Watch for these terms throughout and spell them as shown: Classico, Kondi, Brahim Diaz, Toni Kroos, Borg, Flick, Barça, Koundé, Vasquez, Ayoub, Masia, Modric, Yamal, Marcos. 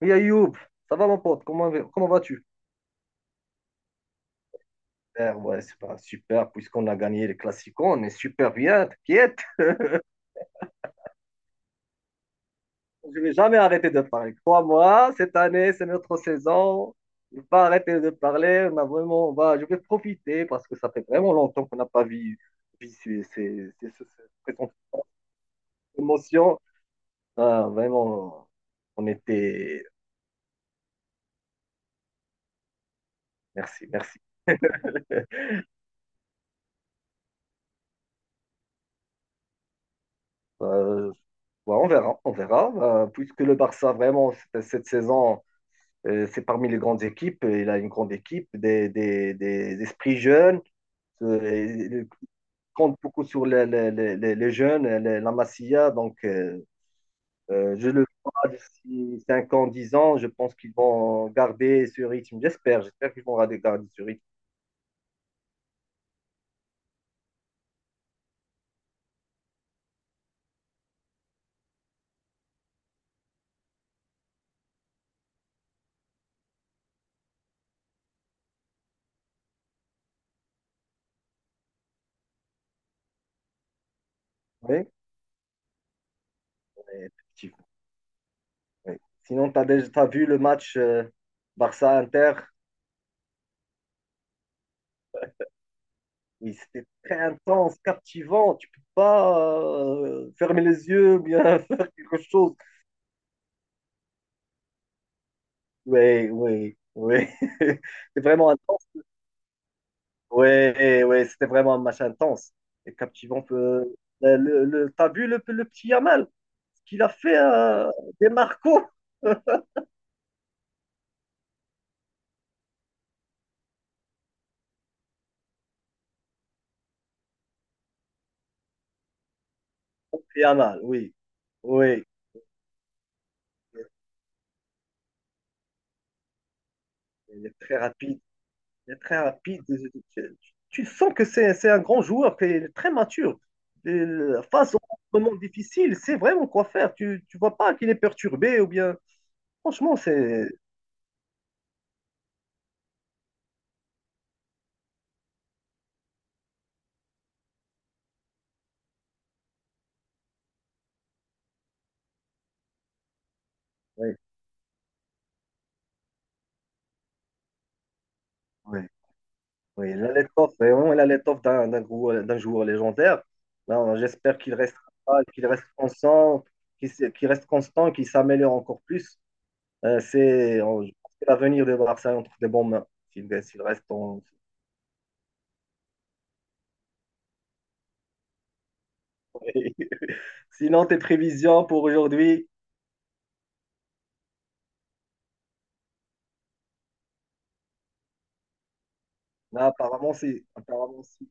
Oui, Ayoub, ça va mon pote, comment vas-tu? Super, ouais, c'est pas super, puisqu'on a gagné les classiques, on est super bien, t'inquiète. Je vais jamais arrêter de parler. Crois-moi, cette année, c'est notre saison. Je vais pas arrêter de parler, on a vraiment, je vais profiter parce que ça fait vraiment longtemps qu'on n'a pas vu ces émotions. Ah, vraiment, on était. Merci, merci. Euh, ouais, on verra, on verra. Puisque le Barça, vraiment, cette saison. C'est parmi les grandes équipes. Il a une grande équipe, des esprits jeunes. Il compte beaucoup sur les jeunes, la Masia. Donc, je le vois d'ici 5 ans, 10 ans. Je pense qu'ils vont garder ce rythme. J'espère qu'ils vont garder ce rythme. Oui, effectivement, oui. Sinon, tu as déjà t'as vu le match Barça-Inter. Oui, c'était très intense, captivant. Tu peux pas fermer les yeux, ou bien faire quelque chose. Oui, oui, oui. C'est vraiment intense. Oui, oui, c'était vraiment un match intense et captivant. Peu. T'as vu le petit Yamal? Ce qu'il a fait des Marcos? Yamal, oui. Oui, il est très rapide. Il est très rapide. Tu, tu sens que c'est un grand joueur, qu'il est très mature. Et face aux moments difficiles, c'est vraiment quoi faire. Tu ne vois pas qu'il est perturbé ou bien. Franchement, c'est. Oui, oui, il a l'étoffe, vraiment, il a l'étoffe d'un joueur légendaire. Là, j'espère qu'il reste constant, qu'il reste constant, qu'il s'améliore encore plus. Je pense que l'avenir de Barça est entre de bonnes mains, s'il reste en... Sinon, tes prévisions pour aujourd'hui, là,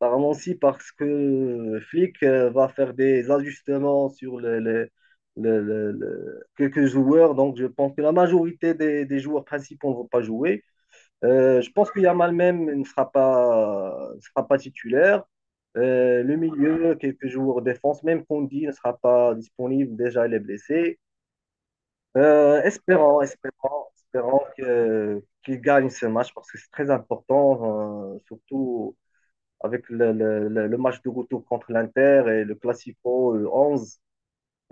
apparemment, si, parce que le Flick va faire des ajustements sur quelques joueurs. Donc, je pense que la majorité des joueurs principaux ne vont pas jouer. Je pense que Yamal même ne sera pas titulaire. Le milieu, quelques joueurs défense, même Kondi ne sera pas disponible. Déjà, il est blessé. Espérons qu'il gagne ce match parce que c'est très important, surtout avec le match de retour contre l'Inter et le Classico le 11.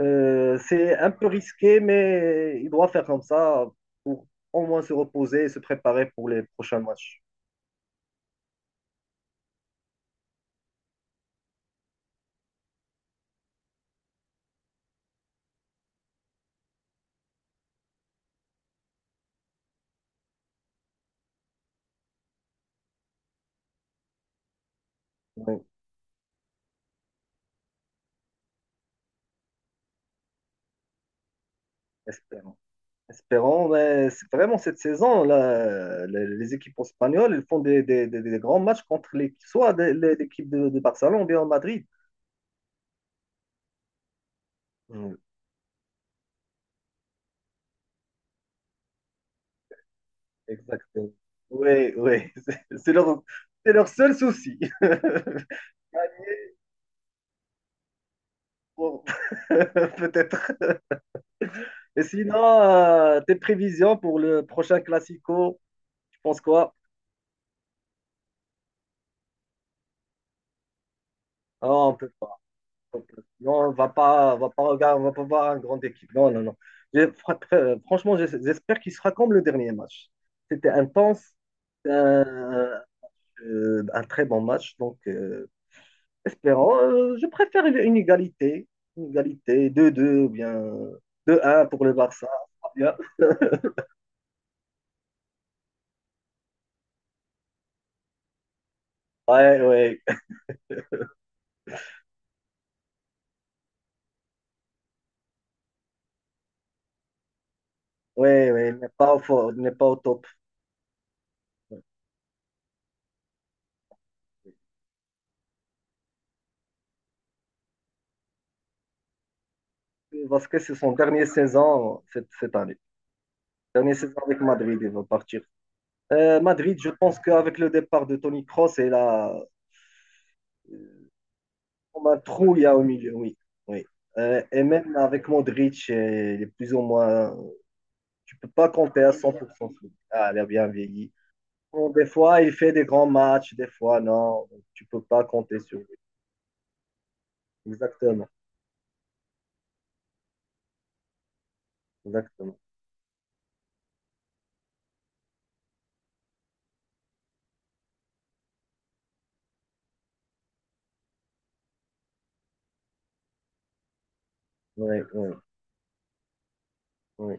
C'est un peu risqué, mais il doit faire comme ça pour au moins se reposer et se préparer pour les prochains matchs. Oui, espérons. Espérons, mais c'est vraiment cette saison, là, les équipes espagnoles, elles font des grands matchs contre les, soit des- les- l'équipe de Barcelone ou bien Madrid. Oui, exactement. Oui, oui, c'est leur seul souci. Pour- Peut-être. Et sinon, tes prévisions pour le prochain Classico, tu penses quoi? Ah, on peut pas. Non, on va pas regarder, on va pas voir une grande équipe. Non, non, non. Franchement, j'espère qu'il sera comme le dernier match. C'était intense, euh, un très bon match. Donc, espérons. Je préfère une égalité, une égalité, 2-2 ou bien 2-1 pour le Barça. Ça sera bien. Ouais, ouais, ouais, ouais. Il n'est pas au top. Vasquez, c'est son dernier saison cette année. Dernier saison avec Madrid, il va partir. Madrid, je pense qu'avec le départ de Toni Kroos, et là, comme un trou, il y a au milieu, oui. oui. Et même avec Modric, il est plus ou moins. Tu peux pas compter à 100%. Ah, il a bien vieilli. Bon, des fois, il fait des grands matchs, des fois, non. Tu peux pas compter sur lui. Exactement. Exactement. Oui, oui, oui.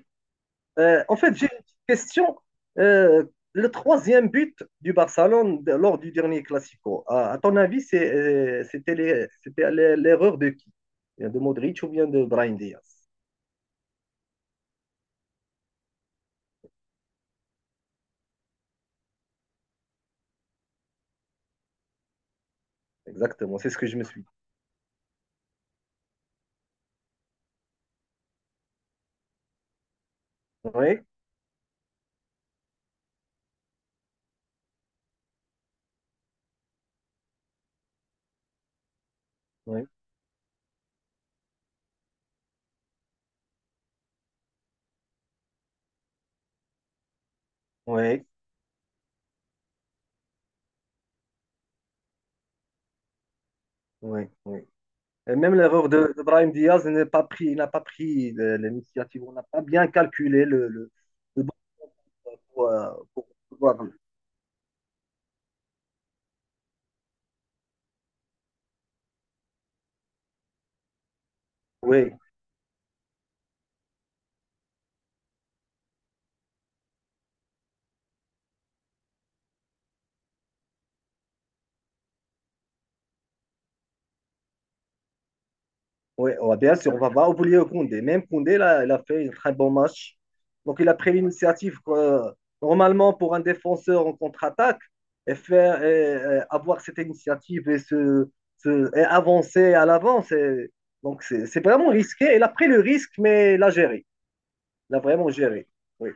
En fait, j'ai une petite question. Euh, le troisième but du Barcelone lors du dernier Classico, à ton avis, c'était l'erreur de qui? Bien de Modric ou bien de Brahim Diaz? Exactement, c'est ce que je me suis dit. Oui, oui, oui, oui, oui. Et même l'erreur de Brahim Diaz n'a pas pris, il n'a pas pris l'initiative, on n'a pas bien calculé le, le bon pour pouvoir- Oui, oui, ouais, bien sûr, on va pas oublier Koundé. Même Koundé, là, il a fait un très bon match. Donc, il a pris l'initiative. Quoi. Normalement, pour un défenseur en contre-attaque, et faire, et avoir cette initiative et avancer à l'avant, c'est, donc c'est vraiment risqué. Il a pris le risque, mais il a géré. Il a vraiment géré. Oui.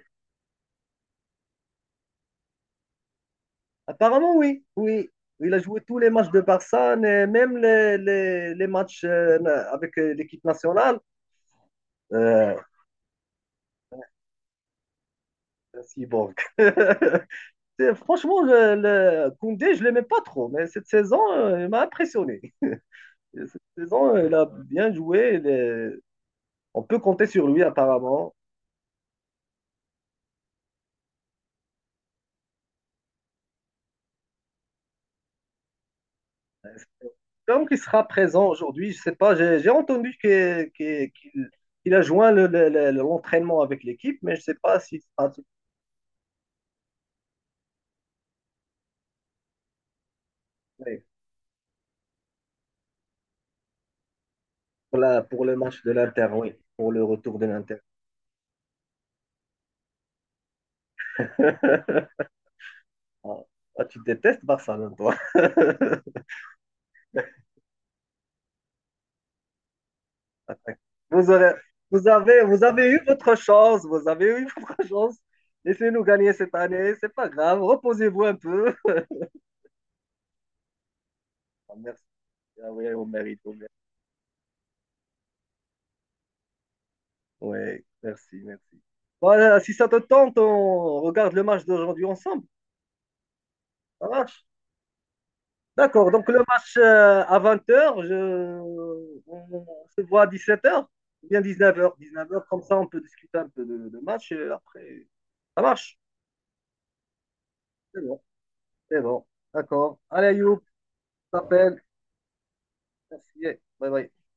Apparemment, oui. Oui. Il a joué tous les matchs de Barça, et même les matchs avec l'équipe nationale. Euh, merci, Borg. Franchement, le Koundé, je ne l'aimais pas trop, mais cette saison, il m'a impressionné. Cette saison, il a bien joué. Il est- On peut compter sur lui, apparemment. Comme qu'il sera présent aujourd'hui, je ne sais pas, j'ai entendu qu'il a joint l'entraînement avec l'équipe, mais je ne sais pas s'il sera titulaire pour le match de l'Inter, oui, pour le retour de l'Inter. Ah, tu détestes Barcelone, toi. Vous aurez- vous avez eu votre chance, vous avez eu votre chance. Laissez-nous gagner cette année, c'est pas grave, reposez-vous un peu. Ah, merci. Ah oui, on mérite, on mérite. Oui, merci, merci. Voilà, si ça te tente, on regarde le match d'aujourd'hui ensemble. Ça marche? D'accord, donc le match à 20h, je... on se voit à 17h ou bien dix-neuf heures comme ça on peut discuter un peu de match et après, ça marche. C'est bon, c'est bon. D'accord. Allez, You. T'appelle. Merci. Bye bye.